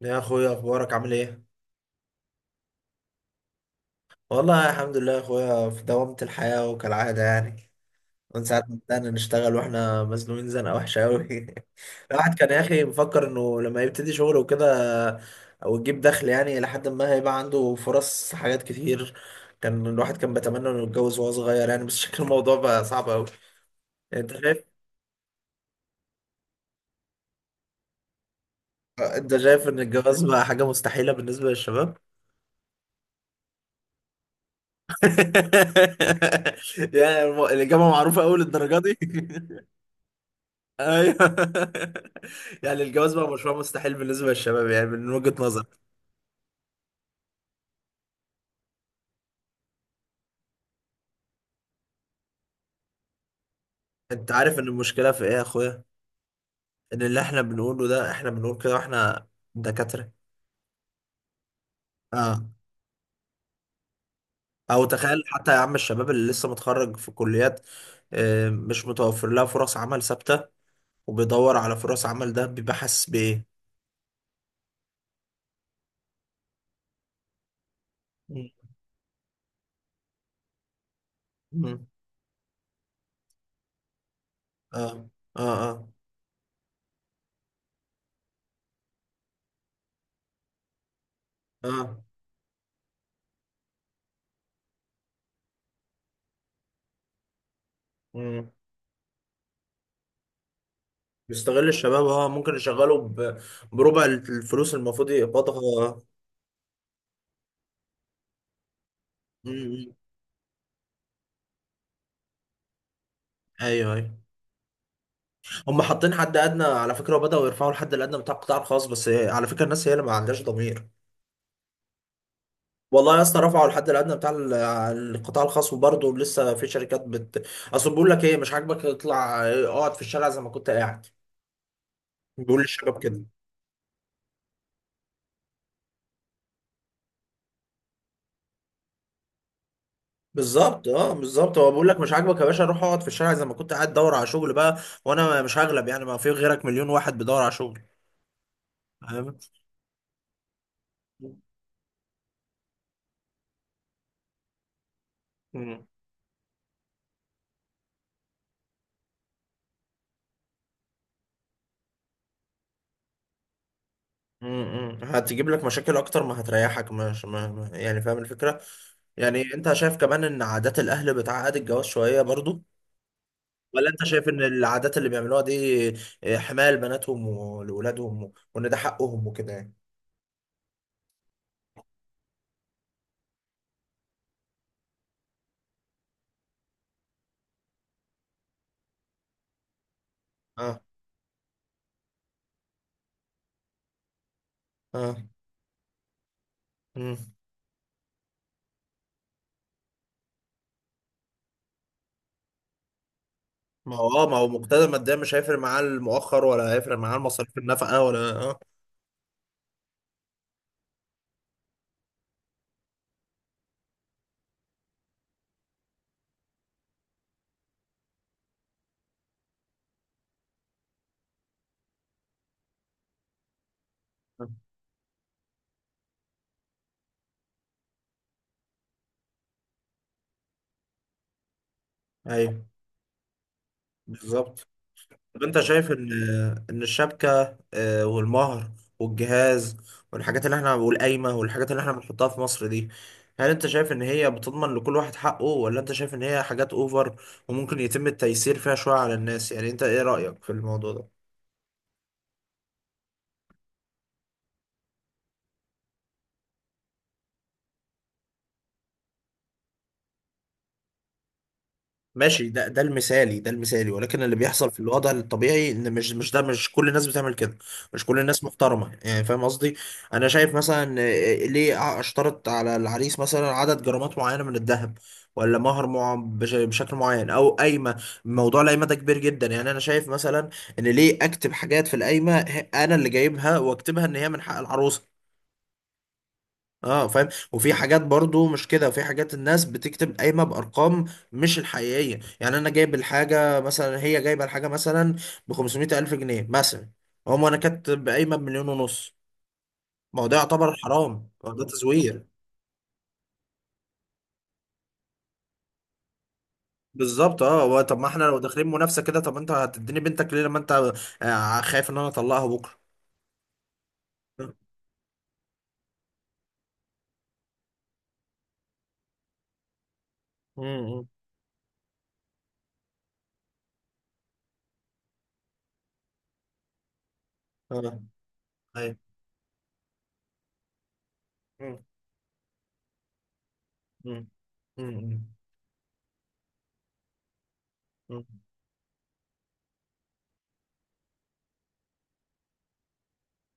يا اخويا، اخبارك عامل ايه؟ والله الحمد لله يا اخويا، في دوامة الحياة وكالعادة يعني. من ساعة ما بدأنا نشتغل واحنا مزنوقين زنقة وحشة قوي. الواحد كان يا اخي مفكر انه لما يبتدي شغل وكده او يجيب دخل، يعني لحد ما هيبقى عنده فرص حاجات كتير. كان الواحد كان بيتمنى انه يتجوز وهو صغير يعني، بس شكل الموضوع بقى صعب قوي. انت شايف؟ انت شايف ان الجواز بقى حاجة مستحيلة بالنسبة للشباب؟ يعني الإجابة معروفة أوي للدرجة دي. ايوه. يعني الجواز بقى مشروع مستحيل بالنسبه للشباب، يعني من وجهه نظر. انت عارف ان المشكله في ايه يا اخويا؟ ان اللي احنا بنقوله ده، احنا بنقول كده واحنا دكاتره. اه. او تخيل حتى يا عم الشباب اللي لسه متخرج في كليات، آه، مش متوفر لها فرص عمل ثابته، وبيدور على فرص عمل، ده بيبقى حاسس بايه؟ مم. مم. اه. اه. اه. اه. مم. بيستغل الشباب، اه، ممكن يشغله بربع الفلوس المفروض يقبضها. ايوه، ايوه. هم حاطين حد ادنى على فكره، وبداوا يرفعوا الحد الادنى بتاع القطاع الخاص، بس على فكره الناس هي اللي ما عندهاش ضمير. والله يا اسطى، رفعوا الحد الادنى بتاع القطاع الخاص وبرضه لسه في شركات اصل بيقول لك ايه مش عاجبك اطلع اقعد في الشارع زي ما كنت قاعد. بيقول للشباب كده. بالظبط، اه، بالظبط. هو بيقول لك مش عاجبك يا باشا، روح اقعد في الشارع زي ما كنت قاعد، دور على شغل بقى. وانا مش هغلب، يعني ما في غيرك، مليون واحد بيدور على شغل. فاهم؟ هتجيب لك مشاكل اكتر ما هتريحك، مش يعني فاهم الفكره. يعني انت شايف كمان ان عادات الاهل بتعقد الجواز شويه برضو؟ ولا انت شايف ان العادات اللي بيعملوها دي، آه، حمايه لبناتهم ولولادهم وان ده حقهم وكده يعني. اه. اه. امم. ما هو مقتدر ماديا، مش هيفرق معاه المؤخر ولا هيفرق معاه المصاريف، النفقه ولا اه. ايوه، بالظبط. طب انت شايف ان الشبكه، آه، والمهر والجهاز والحاجات اللي احنا والقايمه والحاجات اللي احنا بنحطها في مصر دي، هل انت شايف ان هي بتضمن لكل واحد حقه ولا انت شايف ان هي حاجات اوفر وممكن يتم التيسير فيها شويه على الناس، يعني انت ايه رايك في الموضوع ده؟ ماشي، ده المثالي، ده المثالي، ولكن اللي بيحصل في الوضع الطبيعي ان مش مش كل الناس بتعمل كده. مش كل الناس محترمه، يعني فاهم قصدي؟ انا شايف مثلا، آه، ليه اشترط على العريس مثلا عدد جرامات معينه من الذهب؟ ولا مهر مع بشكل معين، او قايمه؟ موضوع القايمه ده كبير جدا، يعني انا شايف مثلا ان ليه اكتب حاجات في القايمه، انا اللي جايبها واكتبها ان هي من حق العروسه. اه، فاهم؟ وفي حاجات برضو مش كده، وفي حاجات الناس بتكتب قايمه بارقام مش الحقيقيه. يعني انا جايب الحاجه مثلا، هي جايبه الحاجه مثلا ب 500 الف جنيه مثلا، انا كاتب قايمه بمليون ونص. ما هو ده يعتبر حرام، هو ده تزوير. بالظبط، اه. هو طب ما احنا لو داخلين منافسه كده، طب انت هتديني بنتك ليه لما انت، آه، خايف ان انا اطلقها بكره؟ امم. اه. ايوه. مم، مم، مم، مم.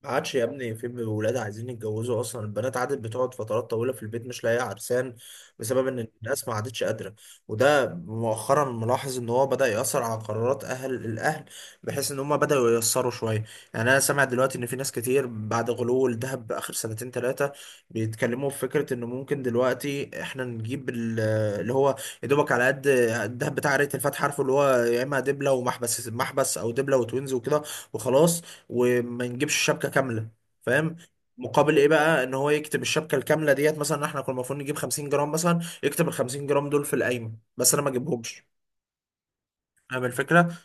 ما عادش يا ابني، في ولاد عايزين يتجوزوا اصلا؟ البنات عادت بتقعد فترات طويله في البيت مش لاقيه عرسان، بسبب ان الناس ما عادتش قادره. وده مؤخرا، ملاحظ ان هو بدا ياثر على قرارات الاهل، بحيث ان هم بداوا ييسروا شويه. يعني انا سامع دلوقتي ان في ناس كتير، بعد غلو الذهب اخر سنتين ثلاثه، بيتكلموا في فكره انه ممكن دلوقتي احنا نجيب اللي هو يا دوبك على قد الذهب بتاع ريت الفاتحه، عارفه اللي هو يا اما دبله ومحبس محبس، او دبله وتوينز وكده، وخلاص، وما نجيبش الشبكه كامله. فاهم؟ مقابل ايه بقى؟ ان هو يكتب الشبكه الكامله ديت، مثلا احنا كنا المفروض نجيب 50 جرام مثلا، يكتب ال 50 جرام دول في القايمه، بس انا ما اجيبهمش. فاهم الفكره؟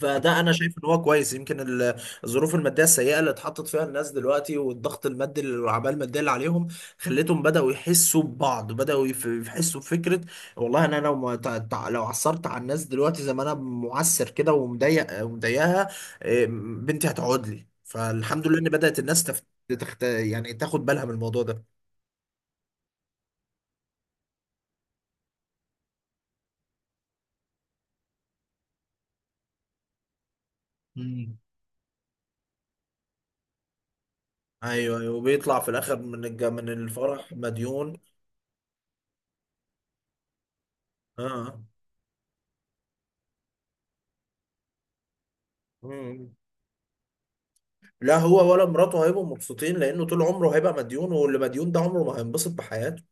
فده انا شايف ان هو كويس، يمكن الظروف الماديه السيئه اللي اتحطت فيها الناس دلوقتي، والضغط المادي والعباءه الماديه اللي عليهم، خلتهم بداوا يحسوا ببعض، بداوا يحسوا بفكره والله انا لو ما تع- تع- لو عثرت على الناس دلوقتي زي ما انا معسر كده ومضايق ومضايقها. إيه، بنتي هتقعد لي. فالحمد لله ان بدات الناس يعني تاخد بالها من الموضوع ده. مم. ايوه، ايوه. وبيطلع في الاخر، من الفرح مديون. اه. آه. لا هو ولا مراته هيبقوا مبسوطين، لانه طول عمره هيبقى مديون، واللي مديون ده عمره ما هينبسط بحياته.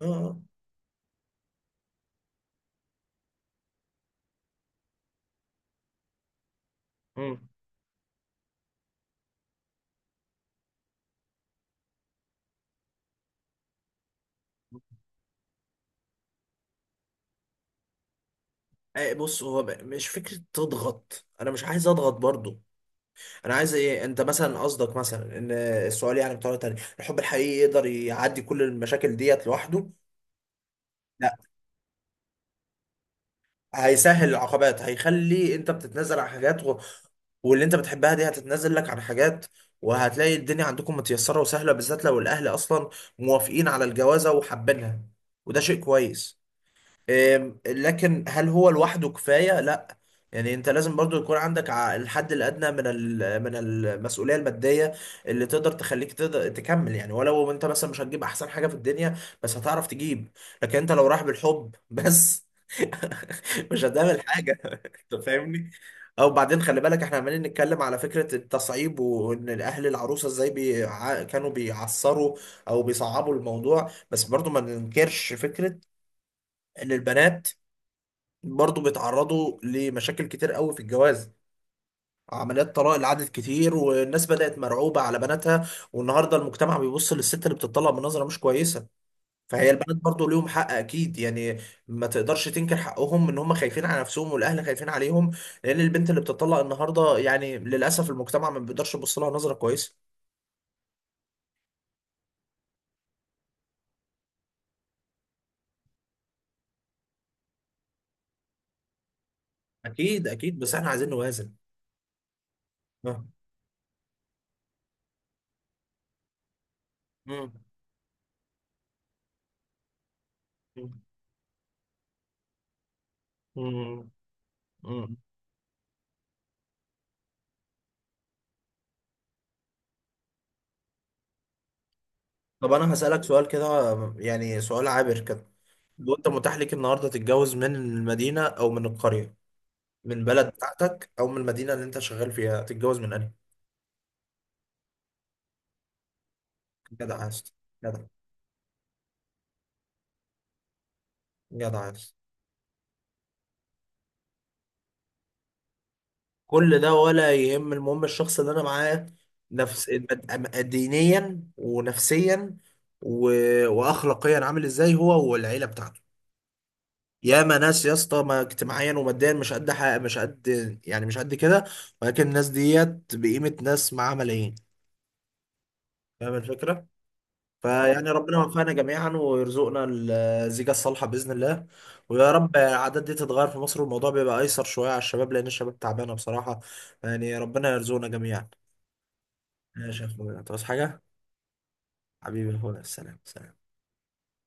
اه. آه. مم. آه، بص هو مش فكرة تضغط، انا مش عايز اضغط برضو. انا عايز ايه انت مثلا قصدك مثلا؟ ان السؤال يعني بطريقة تانية، الحب الحقيقي يقدر يعدي كل المشاكل ديت لوحده؟ لا. هيسهل العقبات، هيخلي انت بتتنازل عن حاجات واللي انت بتحبها دي هتتنازل لك عن حاجات، وهتلاقي الدنيا عندكم متيسرة وسهلة، بالذات لو الاهل اصلا موافقين على الجوازة وحابينها. وده شيء كويس. إم، لكن هل هو لوحده كفاية؟ لا. يعني انت لازم برضو يكون عندك الحد الادنى من المسؤوليه الماديه اللي تقدر تخليك تقدر تكمل، يعني ولو انت مثلا مش هتجيب احسن حاجه في الدنيا، بس هتعرف تجيب. لكن انت لو رايح بالحب بس مش هتعمل حاجه. انت فاهمني؟ او بعدين خلي بالك، احنا عمالين نتكلم على فكره التصعيب وان الاهل العروسه ازاي كانوا بيعصروا، او بيصعبوا الموضوع، بس برضو ما ننكرش فكره ان البنات برضو بيتعرضوا لمشاكل كتير قوي في الجواز. عمليات طلاق العدد كتير، والناس بدأت مرعوبة على بناتها، والنهاردة المجتمع بيبص للست اللي بتطلق بنظرة مش كويسة. فهي البنات برضو ليهم حق أكيد يعني. ما تقدرش تنكر حقهم، إن هم خايفين على نفسهم والأهل خايفين عليهم، لأن البنت اللي بتطلق النهاردة يعني للأسف المجتمع ما بيقدرش يبص لها نظرة كويسة. أكيد، أكيد. بس إحنا عايزين نوازن. آه. مم. مم. مم. طب أنا هسألك سؤال كده، يعني سؤال عابر كده. لو انت متاح ليك النهارده تتجوز من المدينه او من القريه، من بلد بتاعتك او من المدينه اللي انت شغال فيها، تتجوز من انهي؟ جدع عايز. جدع. جدع عايز. كل ده ولا يهم، المهم الشخص اللي انا معاه، نفس دينيا ونفسيا و... واخلاقيا عامل ازاي هو والعيله بتاعته. ياما ناس يا اسطى ما اجتماعيا وماديا مش قد حاجه، مش قد يعني مش قد كده، ولكن الناس ديت بقيمه ناس معاها ملايين. فاهم الفكره؟ فيعني ربنا يوفقنا جميعا ويرزقنا الزيجة الصالحة بإذن الله. ويا رب العادات دي تتغير في مصر، والموضوع بيبقى أيسر شوية على الشباب، لأن الشباب تعبانة بصراحة. يعني ربنا يرزقنا جميعا. ماشي يا أخويا، تعوز حاجة؟ حبيبي يا أخويا، سلام، سلام.